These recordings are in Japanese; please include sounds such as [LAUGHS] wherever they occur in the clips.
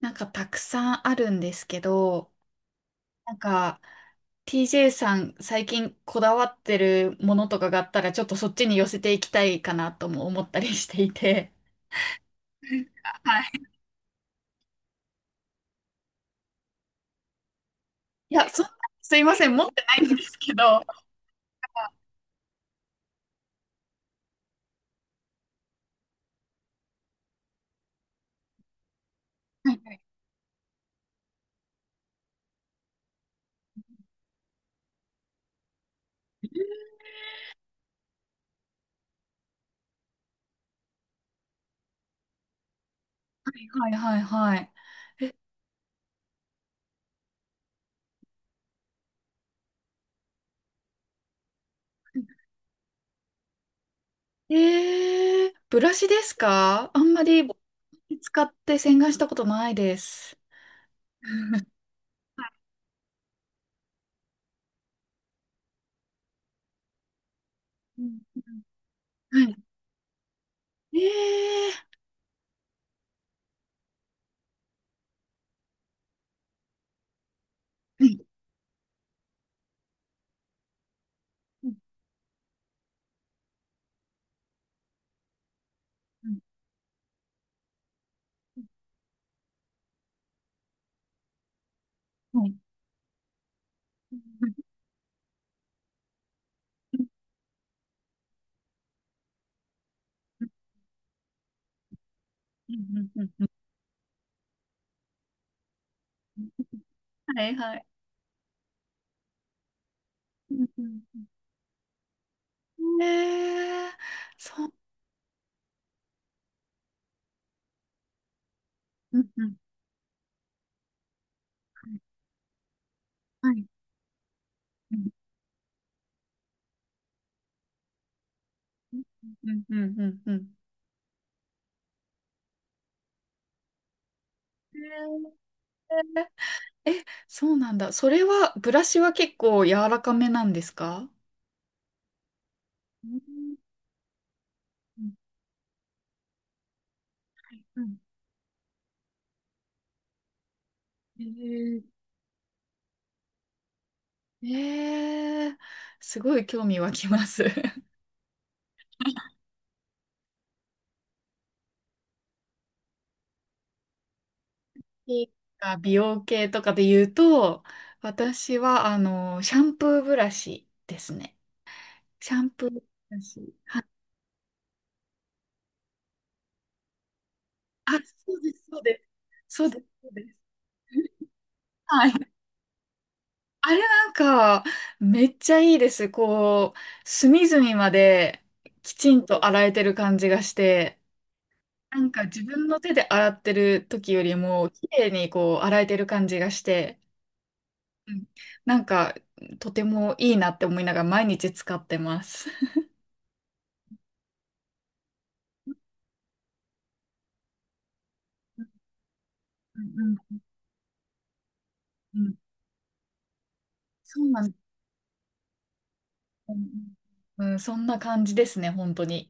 なんかたくさんあるんですけど、なんか TJ さん最近こだわってるものとかがあったらちょっとそっちに寄せていきたいかなとも思ったりしていて。[LAUGHS] はい。いや、そんな、すいません、持ってないんですけど。はいはいはいはいはい。えー、ブラシですか？あんまり使って洗顔したことないです。[LAUGHS] はい。うんうんはいえー、うんうんうんはいうんうんうんうんはいはい。うんうんうんねえ、そう。うんうんはい。うんうんうんうんうん。えー、えそうなんだ。それは、ブラシは結構柔らかめなんですか？うんうんはいうんえーえーすごい興味湧きます。[LAUGHS] いいか美容系とかで言うと、私は、シャンプーブラシですね。シャンプーだし。は、あ、そうです、そうです。そうです、そうです。はい。あれなんか、めっちゃいいです。こう、隅々まできちんと洗えてる感じがして、なんか自分の手で洗ってる時よりも、綺麗にこう、洗えてる感じがして、うん、なんか、とてもいいなって思いながら毎日使ってます。うんうんうん。[LAUGHS] そうなんです。うん、うんそんな感じですね、本当に。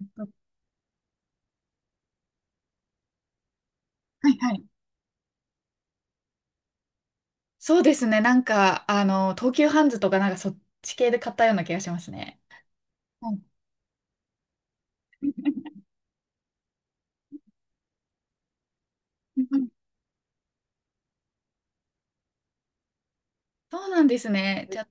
[LAUGHS] はいはい。そうですね。なんか、あの、東急ハンズとかなんかそっち系で買ったような気がしますね。はいうん [LAUGHS] そうなんですね。じゃあ、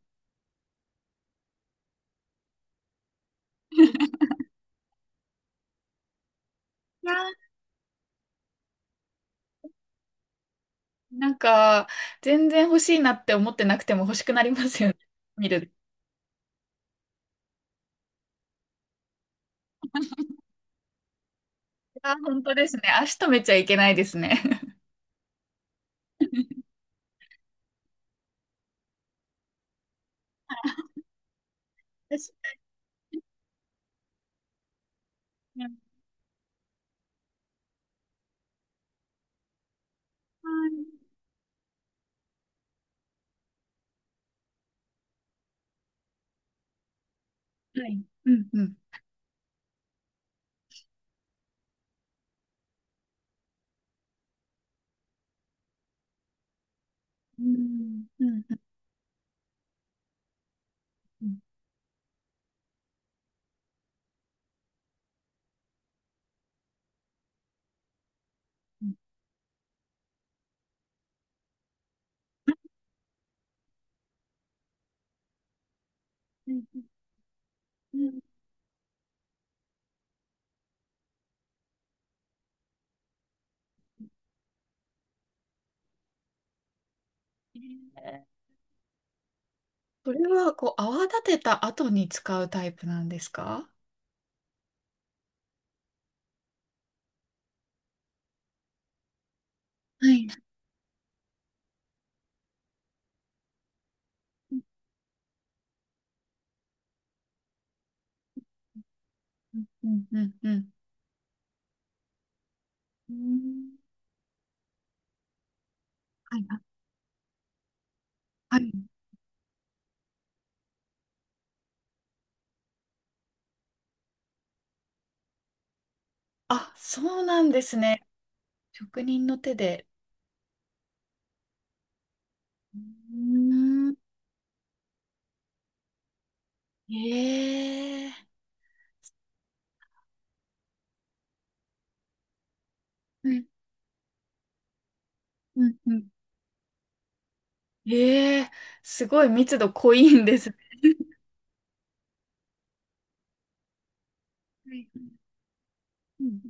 [LAUGHS] なんか、全然欲しいなって思ってなくても欲しくなりますよね。[LAUGHS] 見る。あ、本当ですね。足止めちゃいけないですね。[LAUGHS] 確かに。はいはいうんうん。うんうんうんうんうんうんうんえー、それは、こう、泡立てた後に使うタイプなんですか？はい。うんうんうんうんうん。はいな。あはい。あ、そうなんですね。職人の手で。うーん。ええはい。うん。うん。ええすごい密度濃いんですね。はい。うん。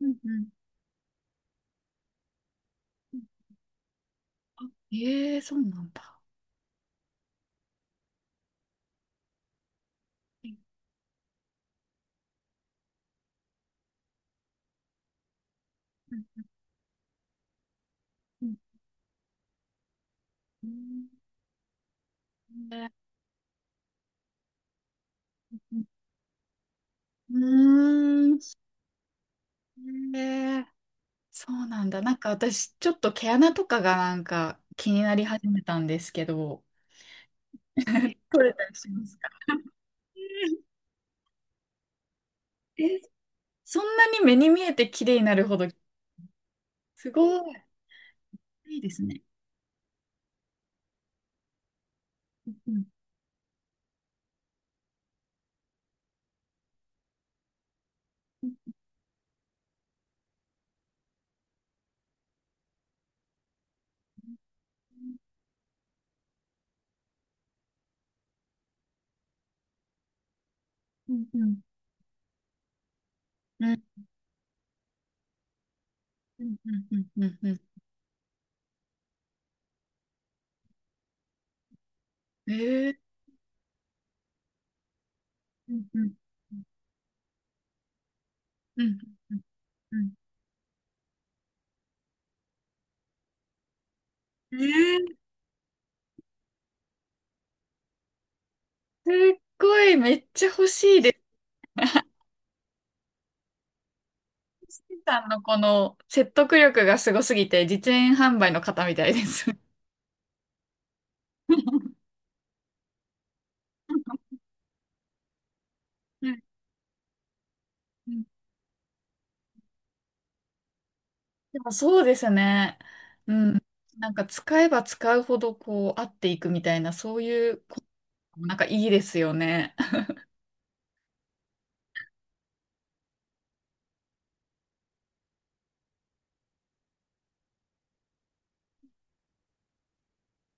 うん。うん。うんええそうなんだ。はいうんうんうんうんうんうーんええそうなんだ。なんか私、ちょっと毛穴とかがなんか気になり始めたんですけど、取れたりしますか？ [LAUGHS] そんなに目に見えて綺麗になるほど、すごい。いいですね。うんうんうんうんうんうんうんうんうんうんえーうんうんうんうんうんえーすっごい、めっちゃ欲しいです。シンさんのこの説得力がすごすぎて、実演販売の方みたいです。うんうんでもそうですね。うん。なんか使えば使うほどこう合っていくみたいな、そういうこともなんかいいですよね。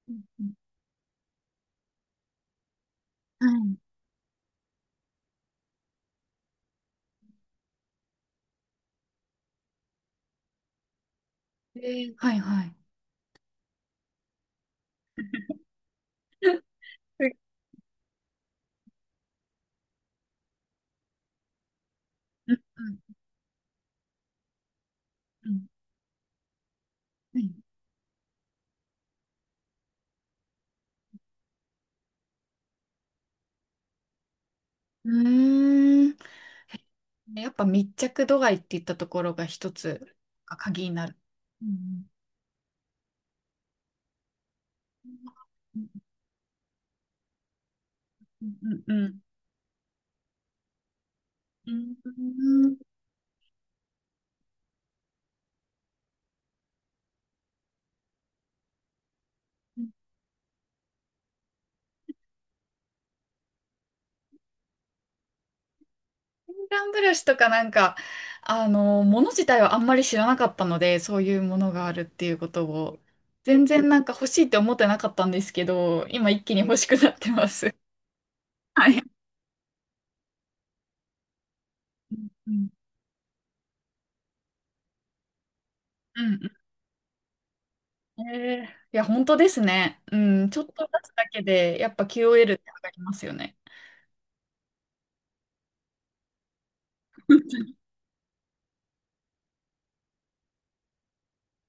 うんうんはい。えー、はいはい。えうんうんうんうんうーん。やっぱ密着度合いって言ったところが一つが鍵になる。うんうんうんうんうんうんうん洗顔ブラシとかなんか、もの自体はあんまり知らなかったので、そういうものがあるっていうことを、全然なんか欲しいって思ってなかったんですけど、今一気に欲しくなってます。はい。うんうんえー、いや、本当ですね。うん、ちょっと出すだけで、やっぱ QOL って上がりますよね。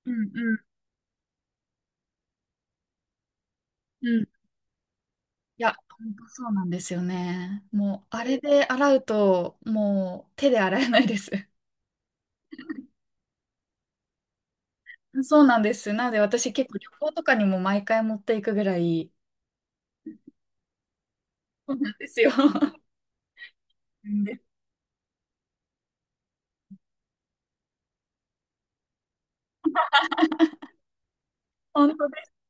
うんうんうん。いや、本当そうなんですよね。もう、あれで洗うと、もう手で洗えないです。[LAUGHS] そうなんです。なので、私結構旅行とかにも毎回持っていくぐらい、そうなんですよ。[LAUGHS] うんで [LAUGHS] 本当です。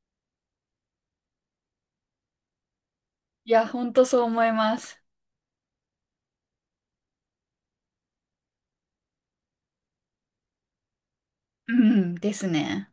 いや、本当そう思います。うん、ですね。